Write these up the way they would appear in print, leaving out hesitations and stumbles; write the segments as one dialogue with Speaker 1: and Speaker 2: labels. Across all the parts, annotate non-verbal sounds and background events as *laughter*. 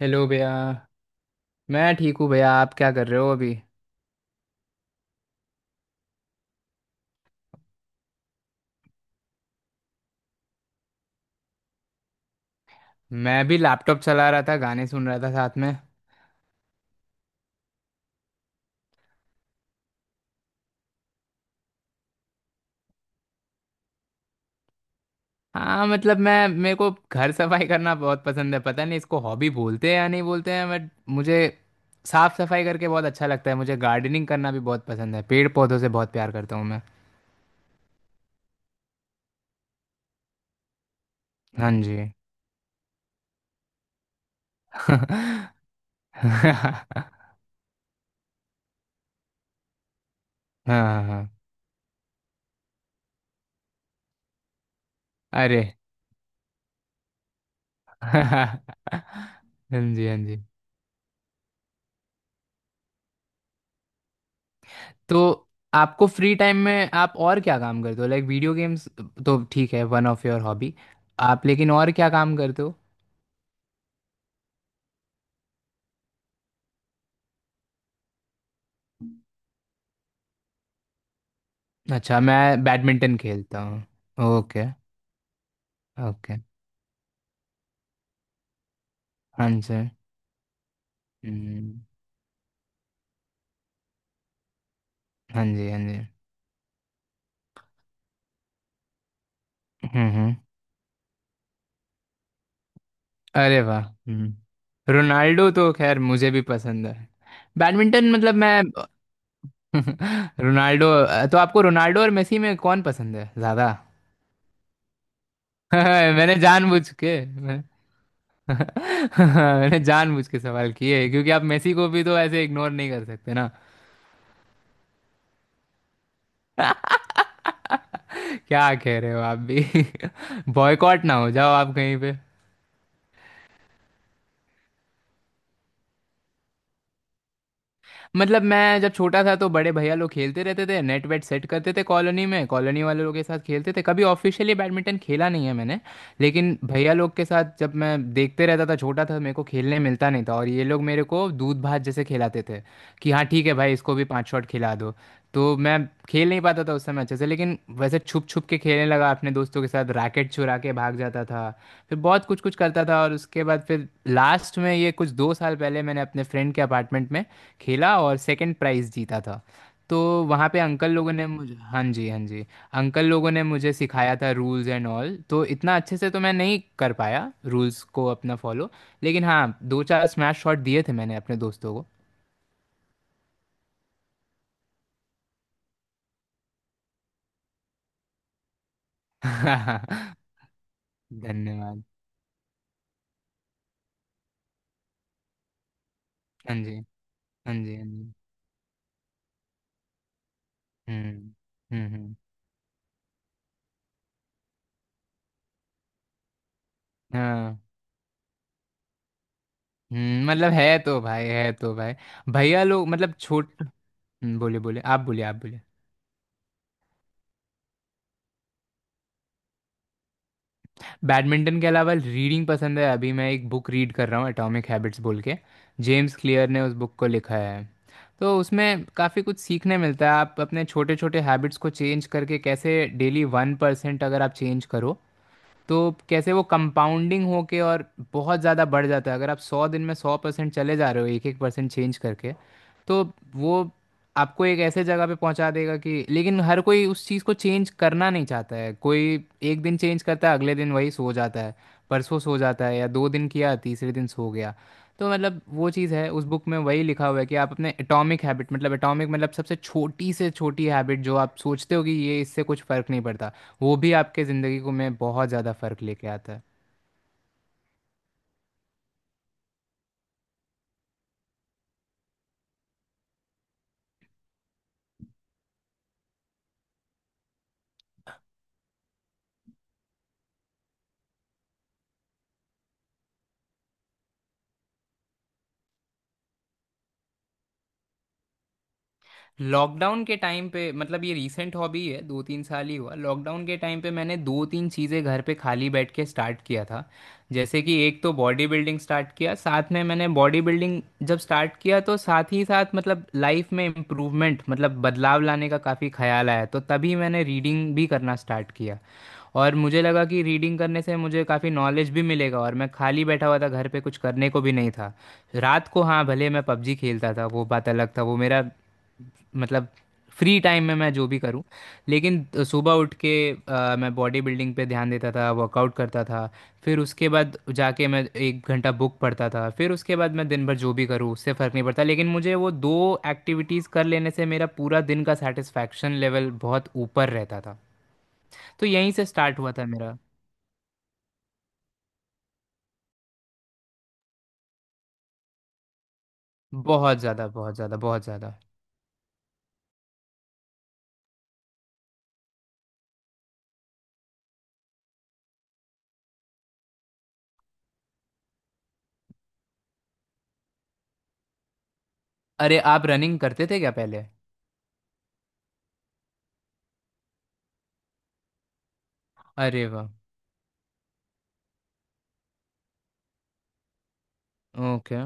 Speaker 1: Hello भैया। मैं ठीक हूँ भैया। आप क्या कर रहे हो अभी? मैं भी लैपटॉप चला रहा था, गाने सुन रहा था साथ में। हाँ, मतलब मैं, मेरे को घर सफाई करना बहुत पसंद है। पता नहीं इसको हॉबी बोलते हैं या नहीं बोलते हैं, बट मुझे साफ सफाई करके बहुत अच्छा लगता है। मुझे गार्डनिंग करना भी बहुत पसंद है, पेड़ पौधों से बहुत प्यार करता हूँ मैं। हाँ जी। *laughs* हाँ हाँ हाँ। अरे *laughs* हाँ जी, हाँ जी। तो आपको फ्री टाइम में आप और क्या काम करते हो, लाइक वीडियो गेम्स तो ठीक है, वन ऑफ योर हॉबी, आप लेकिन और क्या काम करते हो? अच्छा, मैं बैडमिंटन खेलता हूँ। ओके। ओके। हाँ जी। हम्म, हाँ जी, हाँ जी। हम्म। अरे वाह, हम्म, रोनाल्डो तो खैर मुझे भी पसंद है। बैडमिंटन मतलब मैं। *laughs* रोनाल्डो, तो आपको रोनाल्डो और मेसी में कौन पसंद है ज़्यादा? *laughs* मैंने जानबूझ के *laughs* मैंने जानबूझ के सवाल किए हैं, क्योंकि आप मेसी को भी तो ऐसे इग्नोर नहीं कर सकते ना। *laughs* क्या कह रहे हो आप भी? *laughs* बॉयकॉट ना हो जाओ आप कहीं पे। मतलब मैं जब छोटा था तो बड़े भैया लोग खेलते रहते थे, नेट वेट सेट करते थे, कॉलोनी में कॉलोनी वाले लोग के साथ खेलते थे। कभी ऑफिशियली बैडमिंटन खेला नहीं है मैंने। लेकिन भैया लोग के साथ जब मैं देखते रहता था, छोटा था, मेरे को खेलने मिलता नहीं था, और ये लोग मेरे को दूध भात जैसे खिलाते थे कि हाँ ठीक है भाई, इसको भी 5 शॉट खिला दो। तो मैं खेल नहीं पाता था उस समय अच्छे से, लेकिन वैसे छुप छुप के खेलने लगा अपने दोस्तों के साथ, रैकेट चुरा के भाग जाता था। फिर बहुत कुछ कुछ करता था, और उसके बाद फिर लास्ट में ये कुछ 2 साल पहले मैंने अपने फ्रेंड के अपार्टमेंट में खेला और सेकंड प्राइज जीता था। तो वहाँ पे अंकल लोगों ने मुझे— हाँ जी, हाँ जी। अंकल लोगों ने मुझे सिखाया था रूल्स एंड ऑल, तो इतना अच्छे से तो मैं नहीं कर पाया रूल्स को अपना फॉलो, लेकिन हाँ, दो चार स्मैश शॉट दिए थे मैंने अपने दोस्तों को। *laughs* धन्यवाद। हाँ जी, हाँ जी, हाँ जी। हम्म हम्म। हाँ। मतलब है तो भाई, है तो भाई। भैया लोग मतलब छोट बोले बोले, आप बोले, आप बोले। बैडमिंटन के अलावा रीडिंग पसंद है। अभी मैं एक बुक रीड कर रहा हूँ, एटॉमिक हैबिट्स बोल के। जेम्स क्लियर ने उस बुक को लिखा है। तो उसमें काफ़ी कुछ सीखने मिलता है, आप अपने छोटे छोटे हैबिट्स को चेंज करके कैसे डेली 1% अगर आप चेंज करो, तो कैसे वो कंपाउंडिंग होके और बहुत ज़्यादा बढ़ जाता है। अगर आप 100 दिन में 100% चले जा रहे हो एक एक परसेंट चेंज करके, तो वो आपको एक ऐसे जगह पे पहुंचा देगा कि— लेकिन हर कोई उस चीज़ को चेंज करना नहीं चाहता है। कोई एक दिन चेंज करता है, अगले दिन वही सो जाता है, परसों सो जाता है, या दो दिन किया तीसरे दिन सो गया। तो मतलब वो चीज़ है उस बुक में, वही लिखा हुआ है कि आप अपने एटॉमिक हैबिट, मतलब एटॉमिक मतलब सबसे छोटी से छोटी हैबिट जो आप सोचते हो कि ये इससे कुछ फ़र्क नहीं पड़ता, वो भी आपके ज़िंदगी को, में बहुत ज़्यादा फ़र्क लेके आता है। लॉकडाउन के टाइम पे, मतलब ये रीसेंट हॉबी है, दो तीन साल ही हुआ। लॉकडाउन के टाइम पे मैंने दो तीन चीज़ें घर पे खाली बैठ के स्टार्ट किया था। जैसे कि एक तो बॉडी बिल्डिंग स्टार्ट किया। साथ में मैंने बॉडी बिल्डिंग जब स्टार्ट किया तो साथ ही साथ, मतलब लाइफ में इम्प्रूवमेंट, मतलब बदलाव लाने का काफ़ी ख्याल आया, तो तभी मैंने रीडिंग भी करना स्टार्ट किया। और मुझे लगा कि रीडिंग करने से मुझे काफ़ी नॉलेज भी मिलेगा, और मैं खाली बैठा हुआ था घर पे, कुछ करने को भी नहीं था। रात को हाँ, भले मैं पबजी खेलता था, वो बात अलग था, वो मेरा मतलब फ्री टाइम में मैं जो भी करूं। लेकिन सुबह उठ के मैं बॉडी बिल्डिंग पे ध्यान देता था, वर्कआउट करता था। फिर उसके बाद जाके मैं 1 घंटा बुक पढ़ता था। फिर उसके बाद मैं दिन भर जो भी करूं उससे फ़र्क नहीं पड़ता, लेकिन मुझे वो 2 एक्टिविटीज़ कर लेने से मेरा पूरा दिन का सेटिस्फैक्शन लेवल बहुत ऊपर रहता था। तो यहीं से स्टार्ट हुआ था मेरा। बहुत ज़्यादा, बहुत ज़्यादा, बहुत ज़्यादा। अरे आप रनिंग करते थे क्या पहले? अरे वाह। ओके।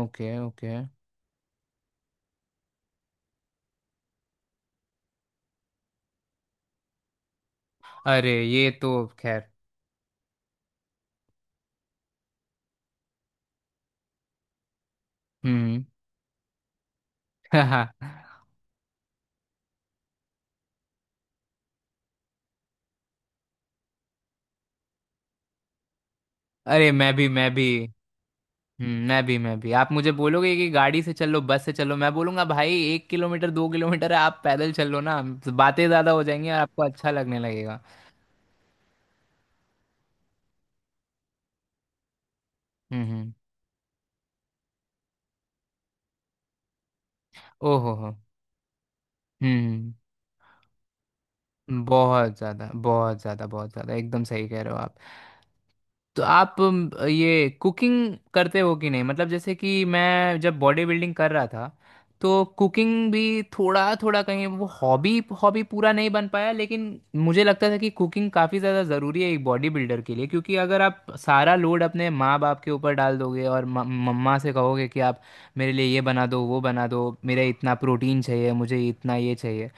Speaker 1: ओके। ओके। अरे ये तो खैर— हम्म। *laughs* हाँ। अरे मैं भी, मैं भी। मैं भी, मैं भी। आप मुझे बोलोगे कि गाड़ी से चलो, बस से चलो, मैं बोलूंगा भाई 1 किलोमीटर 2 किलोमीटर है, आप पैदल चलो ना, बातें ज्यादा हो जाएंगी और आपको अच्छा लगने लगेगा। हम्म। ओहो हो हो। हम्म। बहुत ज़्यादा, बहुत ज़्यादा, बहुत ज़्यादा, एकदम सही कह रहे हो आप। तो आप ये कुकिंग करते हो कि नहीं? मतलब जैसे कि मैं जब बॉडी बिल्डिंग कर रहा था, तो कुकिंग भी थोड़ा थोड़ा, कहीं वो हॉबी हॉबी पूरा नहीं बन पाया, लेकिन मुझे लगता था कि कुकिंग काफ़ी ज़्यादा ज़रूरी है एक बॉडी बिल्डर के लिए, क्योंकि अगर आप सारा लोड अपने माँ बाप के ऊपर डाल दोगे और मम्मा से कहोगे कि आप मेरे लिए ये बना दो, वो बना दो, मेरे इतना प्रोटीन चाहिए, मुझे इतना ये चाहिए,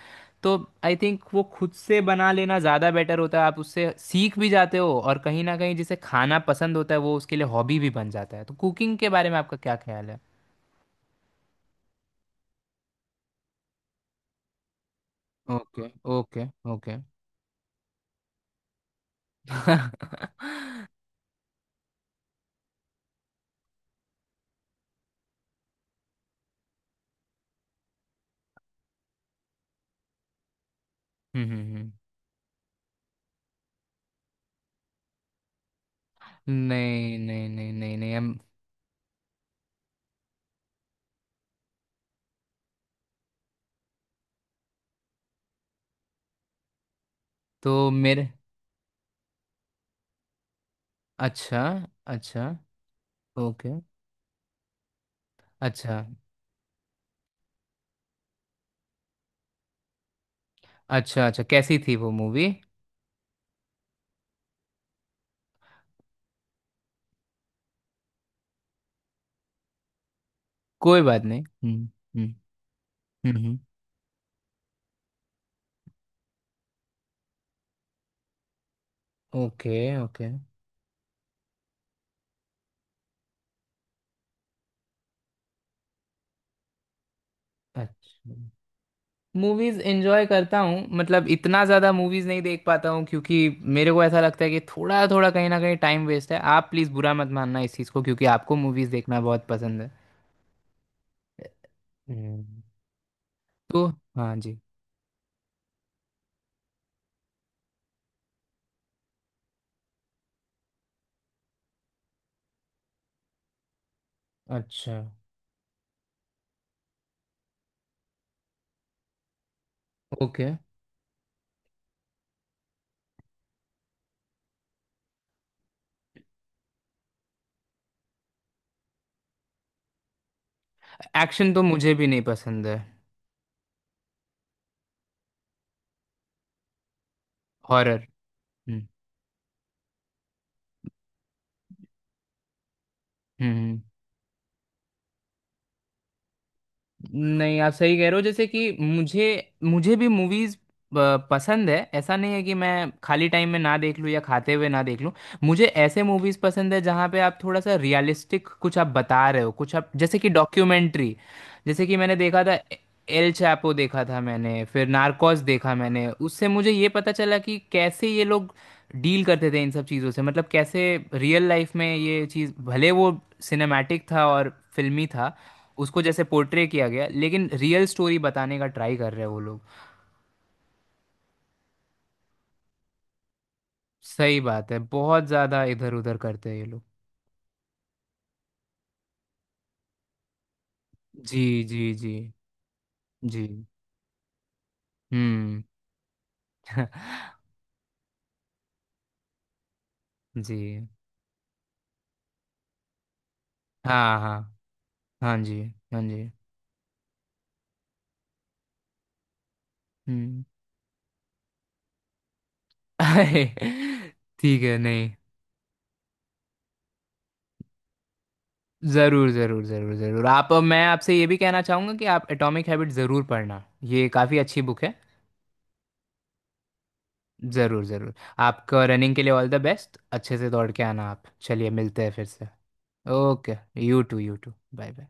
Speaker 1: तो आई थिंक वो खुद से बना लेना ज़्यादा बेटर होता है। आप उससे सीख भी जाते हो, और कहीं ना कहीं जिसे खाना पसंद होता है वो उसके लिए हॉबी भी बन जाता है। तो कुकिंग के बारे में आपका क्या ख्याल है? ओके। ओके। ओके। *laughs* हम्म हम्म। हम्म। नहीं नहीं नहीं नहीं नहीं, हम— तो मेरे— अच्छा। अच्छा। ओके। अच्छा। अच्छा। अच्छा, कैसी थी वो मूवी? कोई बात नहीं। हम्म। हम्म हम्म। हम्म ओके। ओके। अच्छा। मूवीज एंजॉय करता हूँ, मतलब इतना ज़्यादा मूवीज नहीं देख पाता हूँ, क्योंकि मेरे को ऐसा लगता है कि थोड़ा थोड़ा कहीं ना कहीं टाइम वेस्ट है। आप प्लीज़ बुरा मत मानना इस चीज़ को, क्योंकि आपको मूवीज देखना बहुत पसंद है। हम्म। तो हाँ जी। अच्छा। ओके। एक्शन तो मुझे भी नहीं पसंद है। हॉरर। हम्म हम्म हम्म। नहीं, आप सही कह रहे हो। जैसे कि मुझे, मुझे भी मूवीज पसंद है, ऐसा नहीं है कि मैं खाली टाइम में ना देख लूँ या खाते हुए ना देख लूँ। मुझे ऐसे मूवीज पसंद है जहाँ पे आप थोड़ा सा रियलिस्टिक कुछ आप बता रहे हो, कुछ आप जैसे कि डॉक्यूमेंट्री। जैसे कि मैंने देखा था, एल चैपो देखा था मैंने, फिर नार्कोस देखा मैंने। उससे मुझे ये पता चला कि कैसे ये लोग डील करते थे इन सब चीज़ों से। मतलब कैसे रियल लाइफ में ये चीज़, भले वो सिनेमैटिक था और फिल्मी था, उसको जैसे पोर्ट्रे किया गया, लेकिन रियल स्टोरी बताने का ट्राई कर रहे हैं वो लोग। सही बात है, बहुत ज़्यादा इधर उधर करते हैं ये लोग। जी जी जी। जी। हम्म। *laughs* जी। हाँ हाँ। हाँ जी। हाँ जी। हम्म। *laughs* अरे ठीक है, नहीं— ज़रूर ज़रूर ज़रूर ज़रूर। आप— मैं आपसे ये भी कहना चाहूँगा कि आप एटॉमिक हैबिट ज़रूर पढ़ना, ये काफ़ी अच्छी बुक है। ज़रूर ज़रूर। आपका रनिंग के लिए ऑल द बेस्ट। अच्छे से दौड़ के आना आप, चलिए मिलते हैं फिर से। Okay. You too, you too, bye bye.